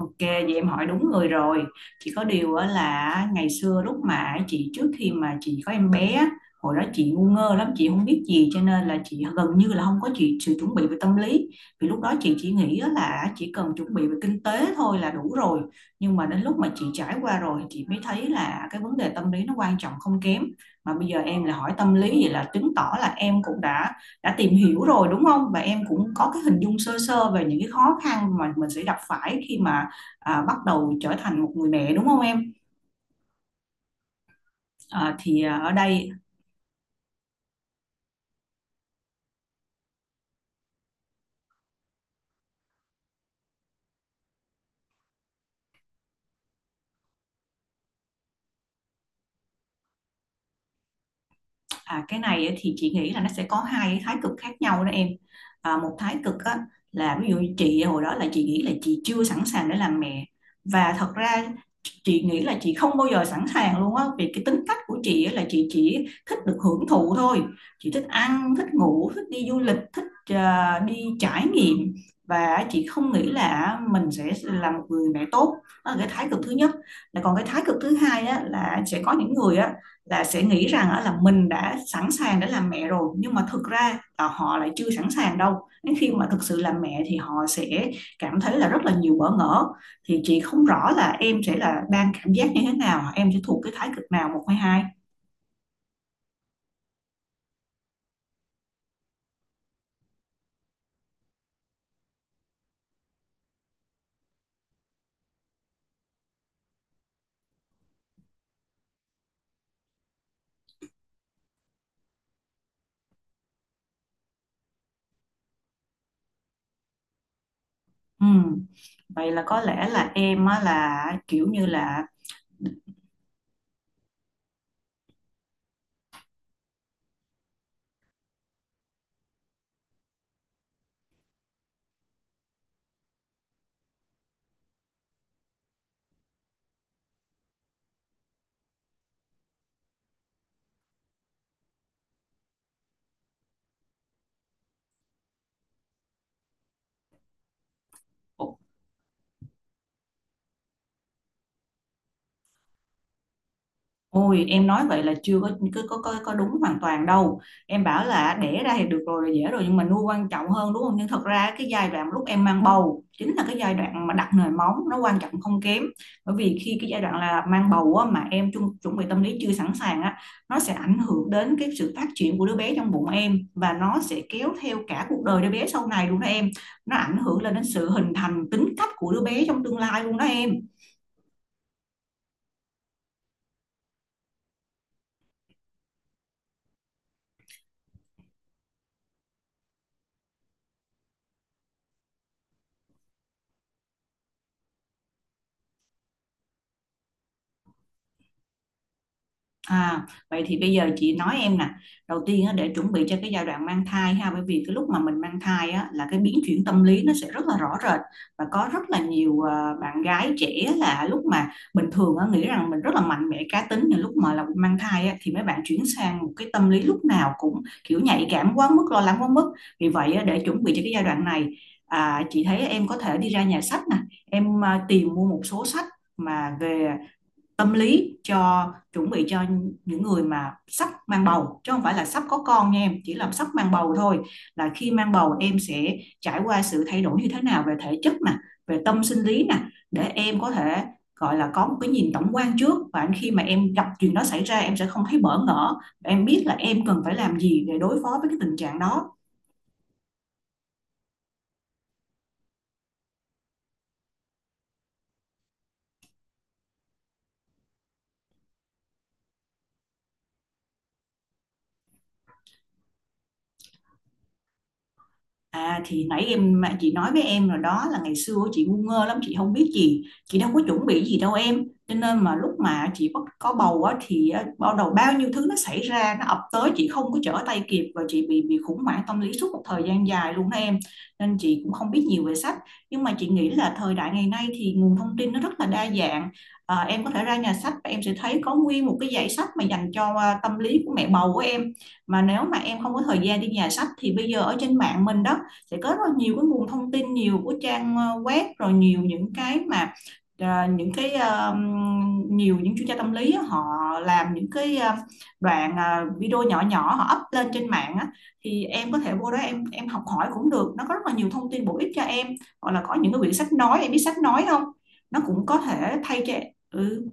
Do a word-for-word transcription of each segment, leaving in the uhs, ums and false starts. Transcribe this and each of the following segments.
Ok, vậy em hỏi đúng người rồi. Chỉ có điều á là ngày xưa lúc mà chị trước khi mà chị có em bé, á, hồi đó chị ngu ngơ lắm, chị không biết gì cho nên là chị gần như là không có chị sự chuẩn bị về tâm lý. Vì lúc đó chị chỉ nghĩ á là chỉ cần chuẩn bị về kinh tế thôi là đủ rồi. Nhưng mà đến lúc mà chị trải qua rồi chị mới thấy là cái vấn đề tâm lý nó quan trọng không kém. Mà bây giờ em là hỏi tâm lý vậy là chứng tỏ là em cũng đã đã tìm hiểu rồi đúng không? Và em cũng có cái hình dung sơ sơ về những cái khó khăn mà mình sẽ gặp phải khi mà à, bắt đầu trở thành một người mẹ đúng không em? À, thì à, ở đây À, Cái này thì chị nghĩ là nó sẽ có hai thái cực khác nhau đó em. À, một thái cực á, là ví dụ như chị hồi đó là chị nghĩ là chị chưa sẵn sàng để làm mẹ và thật ra chị nghĩ là chị không bao giờ sẵn sàng luôn á vì cái tính cách của chị á, là chị chỉ thích được hưởng thụ thôi. Chị thích ăn, thích ngủ, thích đi du lịch, thích à, đi trải nghiệm và chị không nghĩ là mình sẽ là một người mẹ tốt. Đó là cái thái cực thứ nhất. Là còn cái thái cực thứ hai á, là sẽ có những người á là sẽ nghĩ rằng á là mình đã sẵn sàng để làm mẹ rồi nhưng mà thực ra là họ lại chưa sẵn sàng đâu, đến khi mà thực sự làm mẹ thì họ sẽ cảm thấy là rất là nhiều bỡ ngỡ. Thì chị không rõ là em sẽ là đang cảm giác như thế nào, em sẽ thuộc cái thái cực nào, một hay hai. Ừ, vậy là có lẽ là em á là kiểu như là… Ôi em nói vậy là chưa có cứ có, có có đúng hoàn toàn đâu. Em bảo là đẻ ra thì được rồi là dễ rồi nhưng mà nuôi quan trọng hơn đúng không, nhưng thật ra cái giai đoạn lúc em mang bầu chính là cái giai đoạn mà đặt nồi móng nó quan trọng không kém. Bởi vì khi cái giai đoạn là mang bầu á, mà em chuẩn, chuẩn bị tâm lý chưa sẵn sàng á, nó sẽ ảnh hưởng đến cái sự phát triển của đứa bé trong bụng em và nó sẽ kéo theo cả cuộc đời đứa bé sau này luôn đó em. Nó ảnh hưởng lên đến sự hình thành tính cách của đứa bé trong tương lai luôn đó em. À, Vậy thì bây giờ chị nói em nè, đầu tiên á, để chuẩn bị cho cái giai đoạn mang thai ha, bởi vì cái lúc mà mình mang thai á, là cái biến chuyển tâm lý nó sẽ rất là rõ rệt, và có rất là nhiều à, bạn gái trẻ là lúc mà bình thường á, nghĩ rằng mình rất là mạnh mẽ cá tính, nhưng lúc mà là mang thai á, thì mấy bạn chuyển sang một cái tâm lý lúc nào cũng kiểu nhạy cảm quá mức, lo lắng quá mức. Vì vậy á, để chuẩn bị cho cái giai đoạn này, à, chị thấy em có thể đi ra nhà sách nè, em à, tìm mua một số sách mà về tâm lý cho chuẩn bị cho những người mà sắp mang bầu, chứ không phải là sắp có con nha em, chỉ là sắp mang bầu thôi. Là khi mang bầu em sẽ trải qua sự thay đổi như thế nào về thể chất nè, về tâm sinh lý nè, để em có thể gọi là có một cái nhìn tổng quan trước, và khi mà em gặp chuyện đó xảy ra em sẽ không thấy bỡ ngỡ, em biết là em cần phải làm gì để đối phó với cái tình trạng đó. À thì nãy em mà chị nói với em rồi đó, là ngày xưa chị ngu ngơ lắm, chị không biết gì, chị đâu có chuẩn bị gì đâu em, cho nên mà lúc mà chị bắt có bầu á thì á, bắt đầu bao nhiêu thứ nó xảy ra, nó ập tới chị không có trở tay kịp, và chị bị bị khủng hoảng tâm lý suốt một thời gian dài luôn đó em. Nên chị cũng không biết nhiều về sách, nhưng mà chị nghĩ là thời đại ngày nay thì nguồn thông tin nó rất là đa dạng. À, em có thể ra nhà sách và em sẽ thấy có nguyên một cái dãy sách mà dành cho à, tâm lý của mẹ bầu của em. Mà nếu mà em không có thời gian đi nhà sách thì bây giờ ở trên mạng mình đó, sẽ có rất là nhiều cái nguồn thông tin, nhiều của trang ờ, web, rồi nhiều những cái mà ờ, những cái ờ, nhiều những chuyên gia tâm lý á, họ làm những cái ờ, đoạn ờ, video nhỏ nhỏ họ up lên trên mạng á, thì em có thể vô đó em em học hỏi cũng được, nó có rất là nhiều thông tin bổ ích cho em. Hoặc là có những cái quyển sách nói, em biết sách nói không, nó cũng có thể thay cho… Ừ.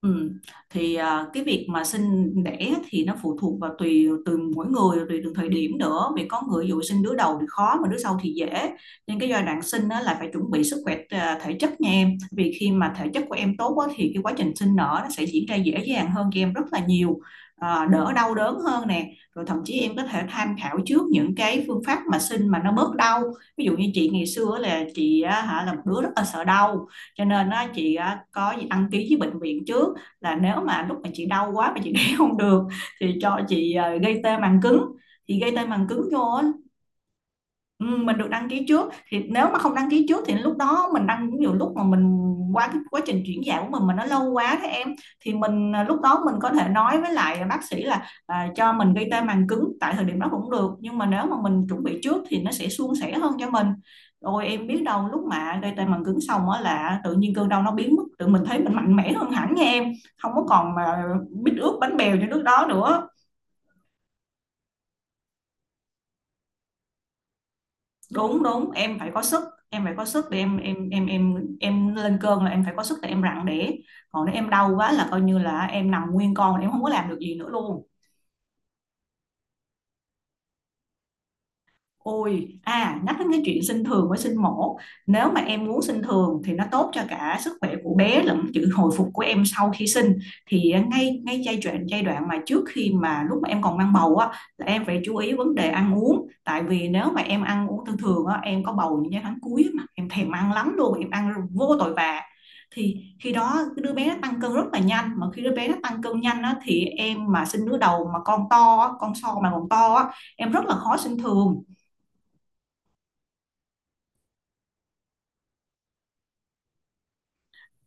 Ừ. Thì à, cái việc mà sinh đẻ thì nó phụ thuộc vào tùy từ mỗi người, tùy từng thời điểm nữa, vì có người ví dụ sinh đứa đầu thì khó mà đứa sau thì dễ. Nên cái giai đoạn sinh á, là phải chuẩn bị sức khỏe à, thể chất nha em, vì khi mà thể chất của em tốt á, thì cái quá trình sinh nở nó sẽ diễn ra dễ dàng hơn cho em rất là nhiều, à, đỡ đau đớn hơn nè, rồi thậm chí em có thể tham khảo trước những cái phương pháp mà sinh mà nó bớt đau. Ví dụ như chị ngày xưa á, là chị á, hả là một đứa rất là sợ đau, cho nên á, chị á, có gì đăng ký với bệnh viện trước, là nếu mà lúc mà chị đau quá mà chị đẻ không được thì cho chị ờ, gây tê màng cứng. Thì gây tê màng cứng vô… Ừ, mình được đăng ký trước. Thì nếu mà không đăng ký trước thì lúc đó mình đăng, nhiều lúc mà mình qua cái quá trình chuyển dạ của mình mà nó lâu quá thế em, thì mình à, lúc đó mình có thể nói với lại bác sĩ là à, cho mình gây tê màng cứng tại thời điểm đó cũng được, nhưng mà nếu mà mình chuẩn bị trước thì nó sẽ suôn sẻ hơn cho mình. Rồi em biết đâu lúc mà gây tê màng cứng xong á là tự nhiên cơn đau nó biến mất, tự mình thấy mình mạnh mẽ hơn hẳn nha em, không có còn mà biết ướt bánh bèo như lúc đó nữa. Đúng, đúng, em phải có sức, em phải có sức để em em em em em lên cơn là em phải có sức để em rặn đẻ, còn nếu em đau quá là coi như là em nằm nguyên con, em không có làm được gì nữa luôn. Ôi, à, nhắc đến cái chuyện sinh thường với sinh mổ, nếu mà em muốn sinh thường thì nó tốt cho cả sức khỏe của bé lẫn sự hồi phục của em sau khi sinh. Thì à, ngay ngay giai đoạn giai đoạn mà trước khi mà lúc mà em còn mang bầu á, là em phải chú ý vấn đề ăn uống. Tại vì nếu mà em ăn uống thường thường á, em có bầu những cái tháng cuối á mà em thèm ăn lắm luôn, em ăn vô tội vạ. Thì khi đó cái đứa bé nó tăng cân rất là nhanh, mà khi đứa bé nó tăng cân nhanh á, thì em mà sinh đứa đầu mà con to á, con so mà còn to á, em rất là khó sinh thường.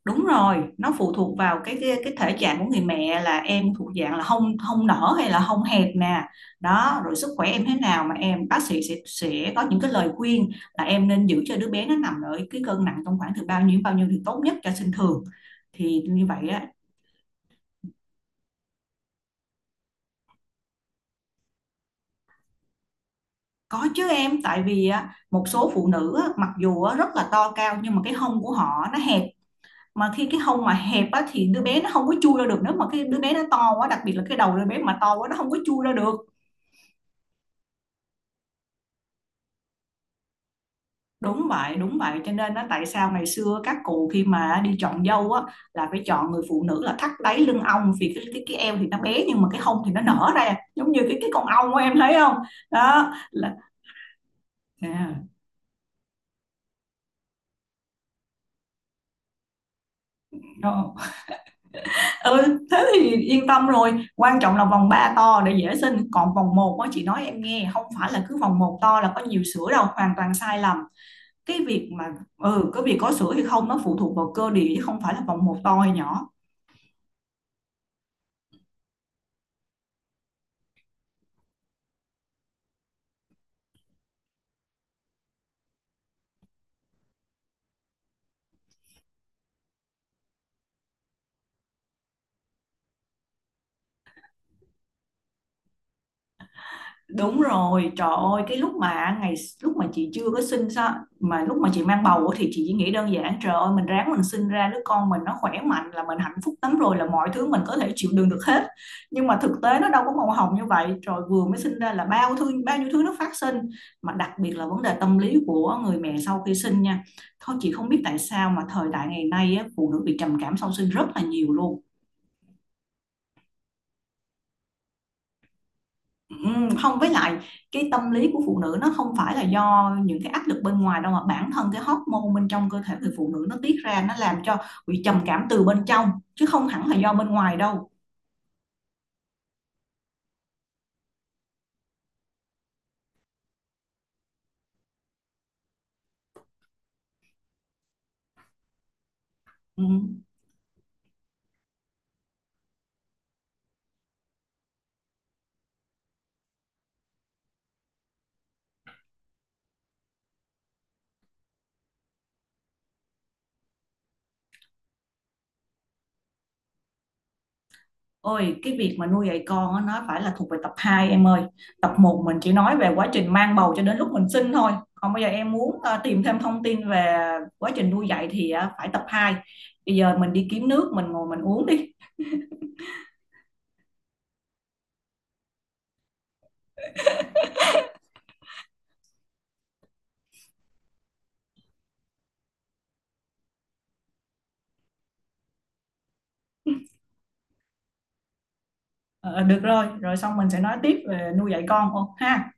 Đúng rồi, nó phụ thuộc vào cái cái, cái thể trạng của người mẹ, là em thuộc dạng là hông hông nở hay là hông hẹp nè. Đó, rồi sức khỏe em thế nào mà em bác sĩ sẽ sẽ có những cái lời khuyên là em nên giữ cho đứa bé nó nằm ở cái cân nặng trong khoảng từ bao nhiêu đến bao nhiêu thì tốt nhất cho sinh thường. Thì như vậy á… Có chứ em, tại vì á, một số phụ nữ á, mặc dù á, rất là to cao nhưng mà cái hông của họ nó hẹp, mà khi cái hông mà hẹp á, thì đứa bé nó không có chui ra được, nếu mà cái đứa bé nó to quá, đặc biệt là cái đầu đứa bé mà to quá, nó không có chui ra được. Đúng vậy, đúng vậy. Cho nên đó, tại sao ngày xưa các cụ khi mà đi chọn dâu á, là phải chọn người phụ nữ là thắt đáy lưng ong, vì cái, cái cái eo thì nó bé nhưng mà cái hông thì nó nở ra, giống như cái cái con ong của em thấy không? Đó là à, đó. Ừ, thế thì yên tâm rồi. Quan trọng là vòng ba to để dễ sinh. Còn vòng một á, chị nói em nghe, không phải là cứ vòng một to là có nhiều sữa đâu, hoàn toàn sai lầm. Cái việc mà… Ừ, cái việc có sữa hay không nó phụ thuộc vào cơ địa, chứ không phải là vòng một to hay nhỏ. Đúng rồi, trời ơi, cái lúc mà ngày lúc mà chị chưa có sinh sao, mà lúc mà chị mang bầu á thì chị chỉ nghĩ đơn giản trời ơi mình ráng mình sinh ra đứa con mình nó khỏe mạnh là mình hạnh phúc lắm rồi, là mọi thứ mình có thể chịu đựng được hết. Nhưng mà thực tế nó đâu có màu hồng như vậy. Rồi vừa mới sinh ra là bao thứ bao nhiêu thứ nó phát sinh, mà đặc biệt là vấn đề tâm lý của người mẹ sau khi sinh nha. Thôi chị không biết tại sao mà thời đại ngày nay á, phụ nữ bị trầm cảm sau sinh rất là nhiều luôn. Ừm, không với lại cái tâm lý của phụ nữ nó không phải là do những cái áp lực bên ngoài đâu, mà bản thân cái hormone bên trong cơ thể người phụ nữ nó tiết ra nó làm cho bị trầm cảm từ bên trong, chứ không hẳn là do bên ngoài đâu. Ừm. Ôi cái việc mà nuôi dạy con á, nó phải là thuộc về tập hai em ơi. Tập một mình chỉ nói về quá trình mang bầu cho đến lúc mình sinh thôi, còn bây giờ em muốn ờ, tìm thêm thông tin về quá trình nuôi dạy thì ờ, phải tập hai. Bây giờ mình đi kiếm nước mình ngồi mình uống đi. Ờ, được rồi, rồi xong mình sẽ nói tiếp về nuôi dạy con ô ha.